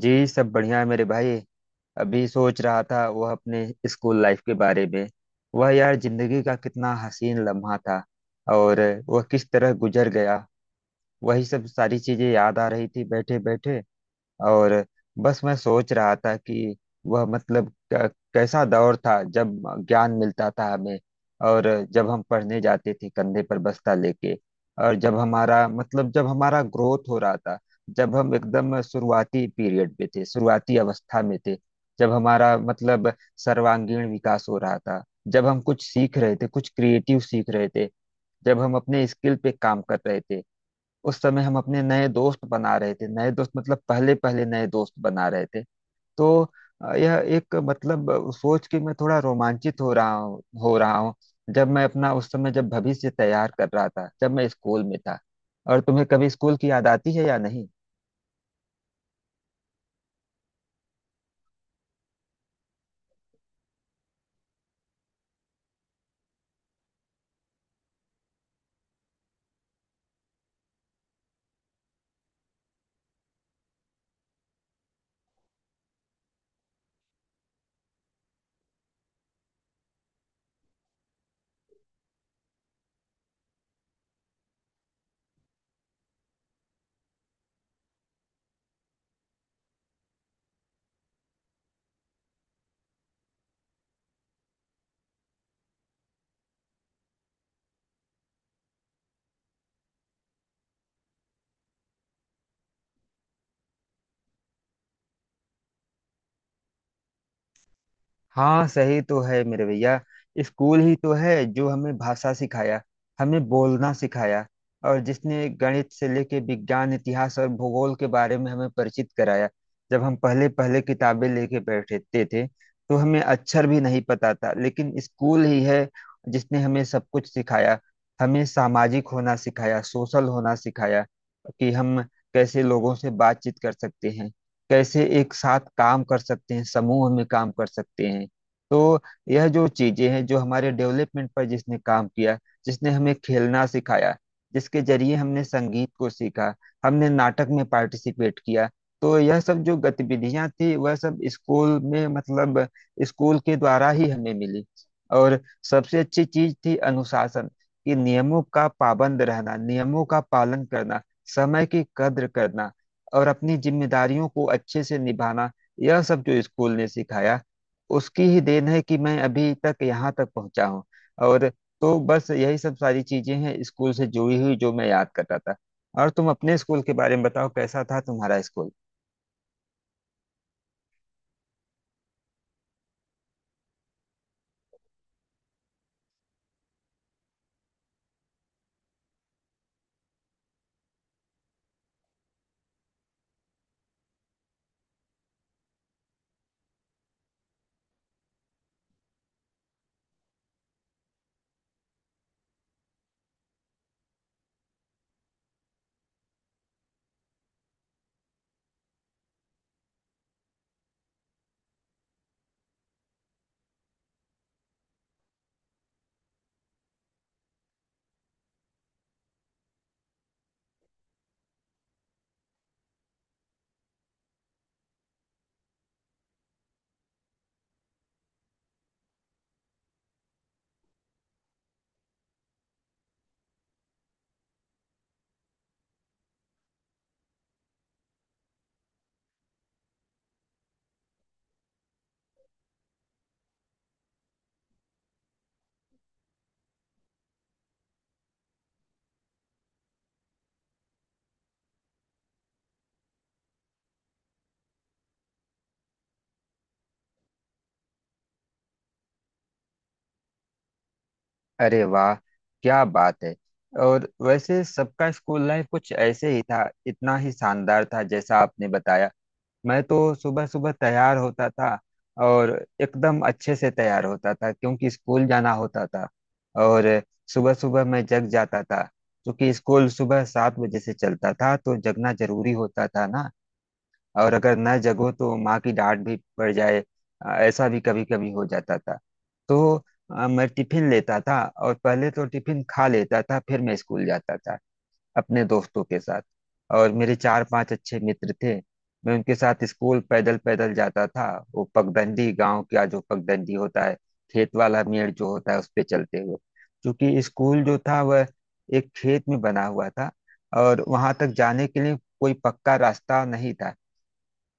जी सब बढ़िया है मेरे भाई। अभी सोच रहा था वह अपने स्कूल लाइफ के बारे में। वह यार जिंदगी का कितना हसीन लम्हा था, और वह किस तरह गुजर गया। वही सब सारी चीजें याद आ रही थी बैठे बैठे। और बस मैं सोच रहा था कि वह मतलब कैसा दौर था जब ज्ञान मिलता था हमें। और जब हम पढ़ने जाते थे कंधे पर बस्ता लेके। और जब हमारा मतलब जब हमारा ग्रोथ हो रहा था। जब हम एकदम शुरुआती पीरियड पे थे, शुरुआती अवस्था में थे। जब हमारा मतलब सर्वांगीण विकास हो रहा था। जब हम कुछ सीख रहे थे, कुछ क्रिएटिव सीख रहे थे। जब हम अपने स्किल पे काम कर रहे थे। उस समय हम अपने नए दोस्त बना रहे थे, नए दोस्त मतलब पहले पहले नए दोस्त बना रहे थे। तो यह एक मतलब सोच के मैं थोड़ा रोमांचित हो रहा हूँ। जब मैं अपना उस समय जब भविष्य तैयार कर रहा था, जब मैं स्कूल में था। और तुम्हें कभी स्कूल की याद आती है या नहीं? हाँ सही तो है मेरे भैया। स्कूल ही तो है जो हमें भाषा सिखाया, हमें बोलना सिखाया, और जिसने गणित से लेके विज्ञान, इतिहास और भूगोल के बारे में हमें परिचित कराया। जब हम पहले पहले किताबें लेके बैठते थे तो हमें अक्षर भी नहीं पता था, लेकिन स्कूल ही है जिसने हमें सब कुछ सिखाया। हमें सामाजिक होना सिखाया, सोशल होना सिखाया कि हम कैसे लोगों से बातचीत कर सकते हैं, कैसे एक साथ काम कर सकते हैं, समूह में काम कर सकते हैं। तो यह जो चीजें हैं जो हमारे डेवलपमेंट पर जिसने काम किया, जिसने हमें खेलना सिखाया, जिसके जरिए हमने संगीत को सीखा, हमने नाटक में पार्टिसिपेट किया, तो यह सब जो गतिविधियां थी वह सब स्कूल में मतलब स्कूल के द्वारा ही हमें मिली। और सबसे अच्छी चीज थी अनुशासन, कि नियमों का पाबंद रहना, नियमों का पालन करना, समय की कद्र करना, और अपनी जिम्मेदारियों को अच्छे से निभाना। यह सब जो स्कूल ने सिखाया उसकी ही देन है कि मैं अभी तक यहाँ तक पहुँचा हूँ। और तो बस यही सब सारी चीजें हैं स्कूल से जुड़ी हुई, जो मैं याद कर रहा था। और तुम अपने स्कूल के बारे में बताओ, कैसा था तुम्हारा स्कूल? अरे वाह, क्या बात है। और वैसे सबका स्कूल लाइफ कुछ ऐसे ही था, इतना ही शानदार था जैसा आपने बताया। मैं तो सुबह सुबह तैयार होता था, और एकदम अच्छे से तैयार होता था क्योंकि स्कूल जाना होता था। और सुबह सुबह मैं जग जाता था, क्योंकि स्कूल सुबह 7 बजे से चलता था तो जगना जरूरी होता था ना। और अगर न जगो तो माँ की डांट भी पड़ जाए। ऐसा भी कभी कभी हो जाता था। तो मैं टिफिन लेता था, और पहले तो टिफिन खा लेता था, फिर मैं स्कूल जाता था अपने दोस्तों के साथ। और मेरे चार पांच अच्छे मित्र थे। मैं उनके साथ स्कूल पैदल पैदल जाता था। वो पगडंडी, गांव का जो पगडंडी होता है, खेत वाला मेड़ जो होता है उस पे चलते हुए, क्योंकि स्कूल जो था वह एक खेत में बना हुआ था, और वहां तक जाने के लिए कोई पक्का रास्ता नहीं था।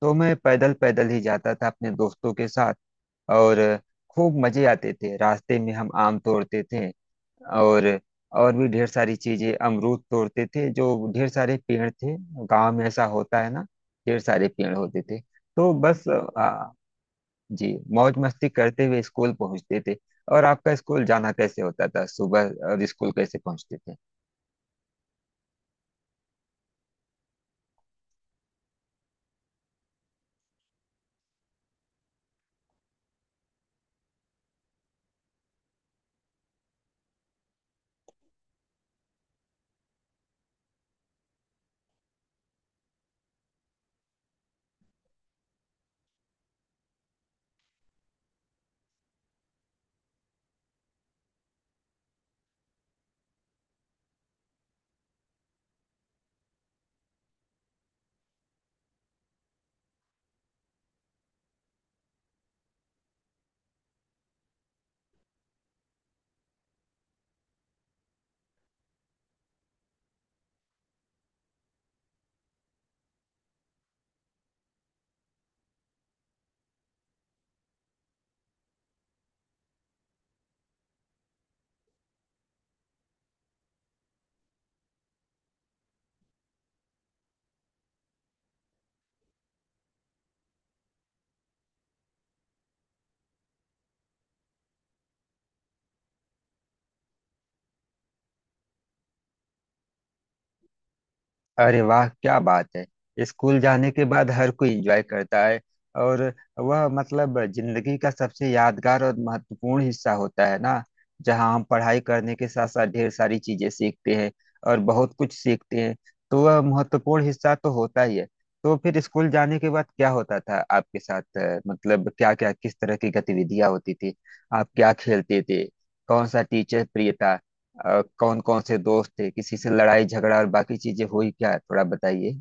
तो मैं पैदल पैदल ही जाता था अपने दोस्तों के साथ। और खूब मजे आते थे, रास्ते में हम आम तोड़ते थे, और और भी ढेर सारी चीजें, अमरूद तोड़ते थे, जो ढेर सारे पेड़ थे। गांव में ऐसा होता है ना, ढेर सारे पेड़ होते थे, तो बस आ, जी मौज मस्ती करते हुए स्कूल पहुंचते थे। और आपका स्कूल जाना कैसे होता था सुबह, और स्कूल कैसे पहुंचते थे? अरे वाह, क्या बात है। स्कूल जाने के बाद हर कोई एंजॉय करता है। और वह मतलब जिंदगी का सबसे यादगार और महत्वपूर्ण हिस्सा होता है ना, जहाँ हम पढ़ाई करने के साथ साथ ढेर सारी चीजें सीखते हैं, और बहुत कुछ सीखते हैं। तो वह महत्वपूर्ण हिस्सा तो होता ही है। तो फिर स्कूल जाने के बाद क्या होता था आपके साथ? मतलब क्या क्या, किस तरह की गतिविधियां होती थी, आप क्या खेलते थे, कौन सा टीचर प्रिय था, कौन कौन से दोस्त थे, किसी से लड़ाई झगड़ा और बाकी चीजें हुई क्या? थोड़ा बताइए।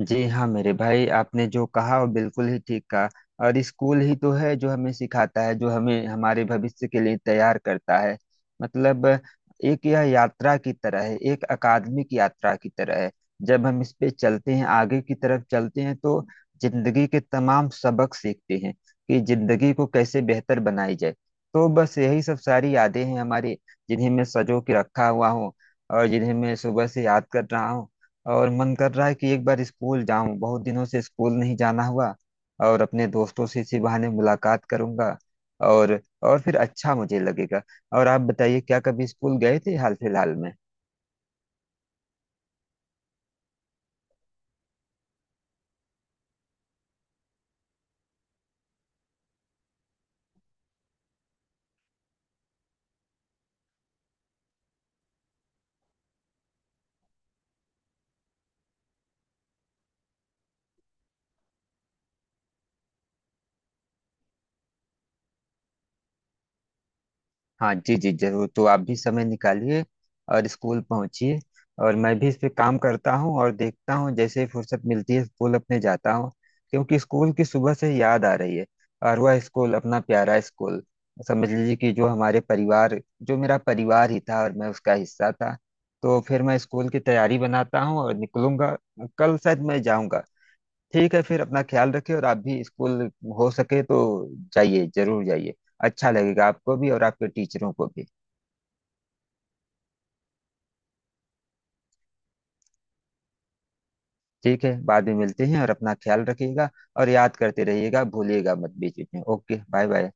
जी हाँ मेरे भाई, आपने जो कहा वो बिल्कुल ही ठीक कहा। और स्कूल ही तो है जो हमें सिखाता है, जो हमें हमारे भविष्य के लिए तैयार करता है। मतलब एक यह यात्रा की तरह है, एक अकादमिक यात्रा की तरह है। जब हम इस पे चलते हैं, आगे की तरफ चलते हैं, तो जिंदगी के तमाम सबक सीखते हैं कि जिंदगी को कैसे बेहतर बनाई जाए। तो बस यही सब सारी यादें हैं हमारी, जिन्हें मैं सजो के रखा हुआ हूँ, और जिन्हें मैं सुबह से याद कर रहा हूँ। और मन कर रहा है कि एक बार स्कूल जाऊं, बहुत दिनों से स्कूल नहीं जाना हुआ, और अपने दोस्तों से इसी बहाने मुलाकात करूंगा, और और फिर अच्छा मुझे लगेगा। और आप बताइए, क्या कभी स्कूल गए थे हाल फिलहाल में? हाँ जी जी जरूर, तो आप भी समय निकालिए और स्कूल पहुंचिए। और मैं भी इस पे काम करता हूँ और देखता हूँ, जैसे ही फुर्सत मिलती है स्कूल अपने जाता हूँ, क्योंकि स्कूल की सुबह से याद आ रही है। और वह स्कूल अपना प्यारा स्कूल समझ लीजिए कि जो हमारे परिवार, जो मेरा परिवार ही था और मैं उसका हिस्सा था। तो फिर मैं स्कूल की तैयारी बनाता हूँ और निकलूंगा, कल शायद मैं जाऊँगा। ठीक है, फिर अपना ख्याल रखिए, और आप भी स्कूल, हो सके तो जाइए, जरूर जाइए। अच्छा लगेगा आपको भी और आपके टीचरों को भी। ठीक है, बाद में मिलते हैं, और अपना ख्याल रखिएगा, और याद करते रहिएगा, भूलिएगा मत बीच बीच में। Okay, bye bye.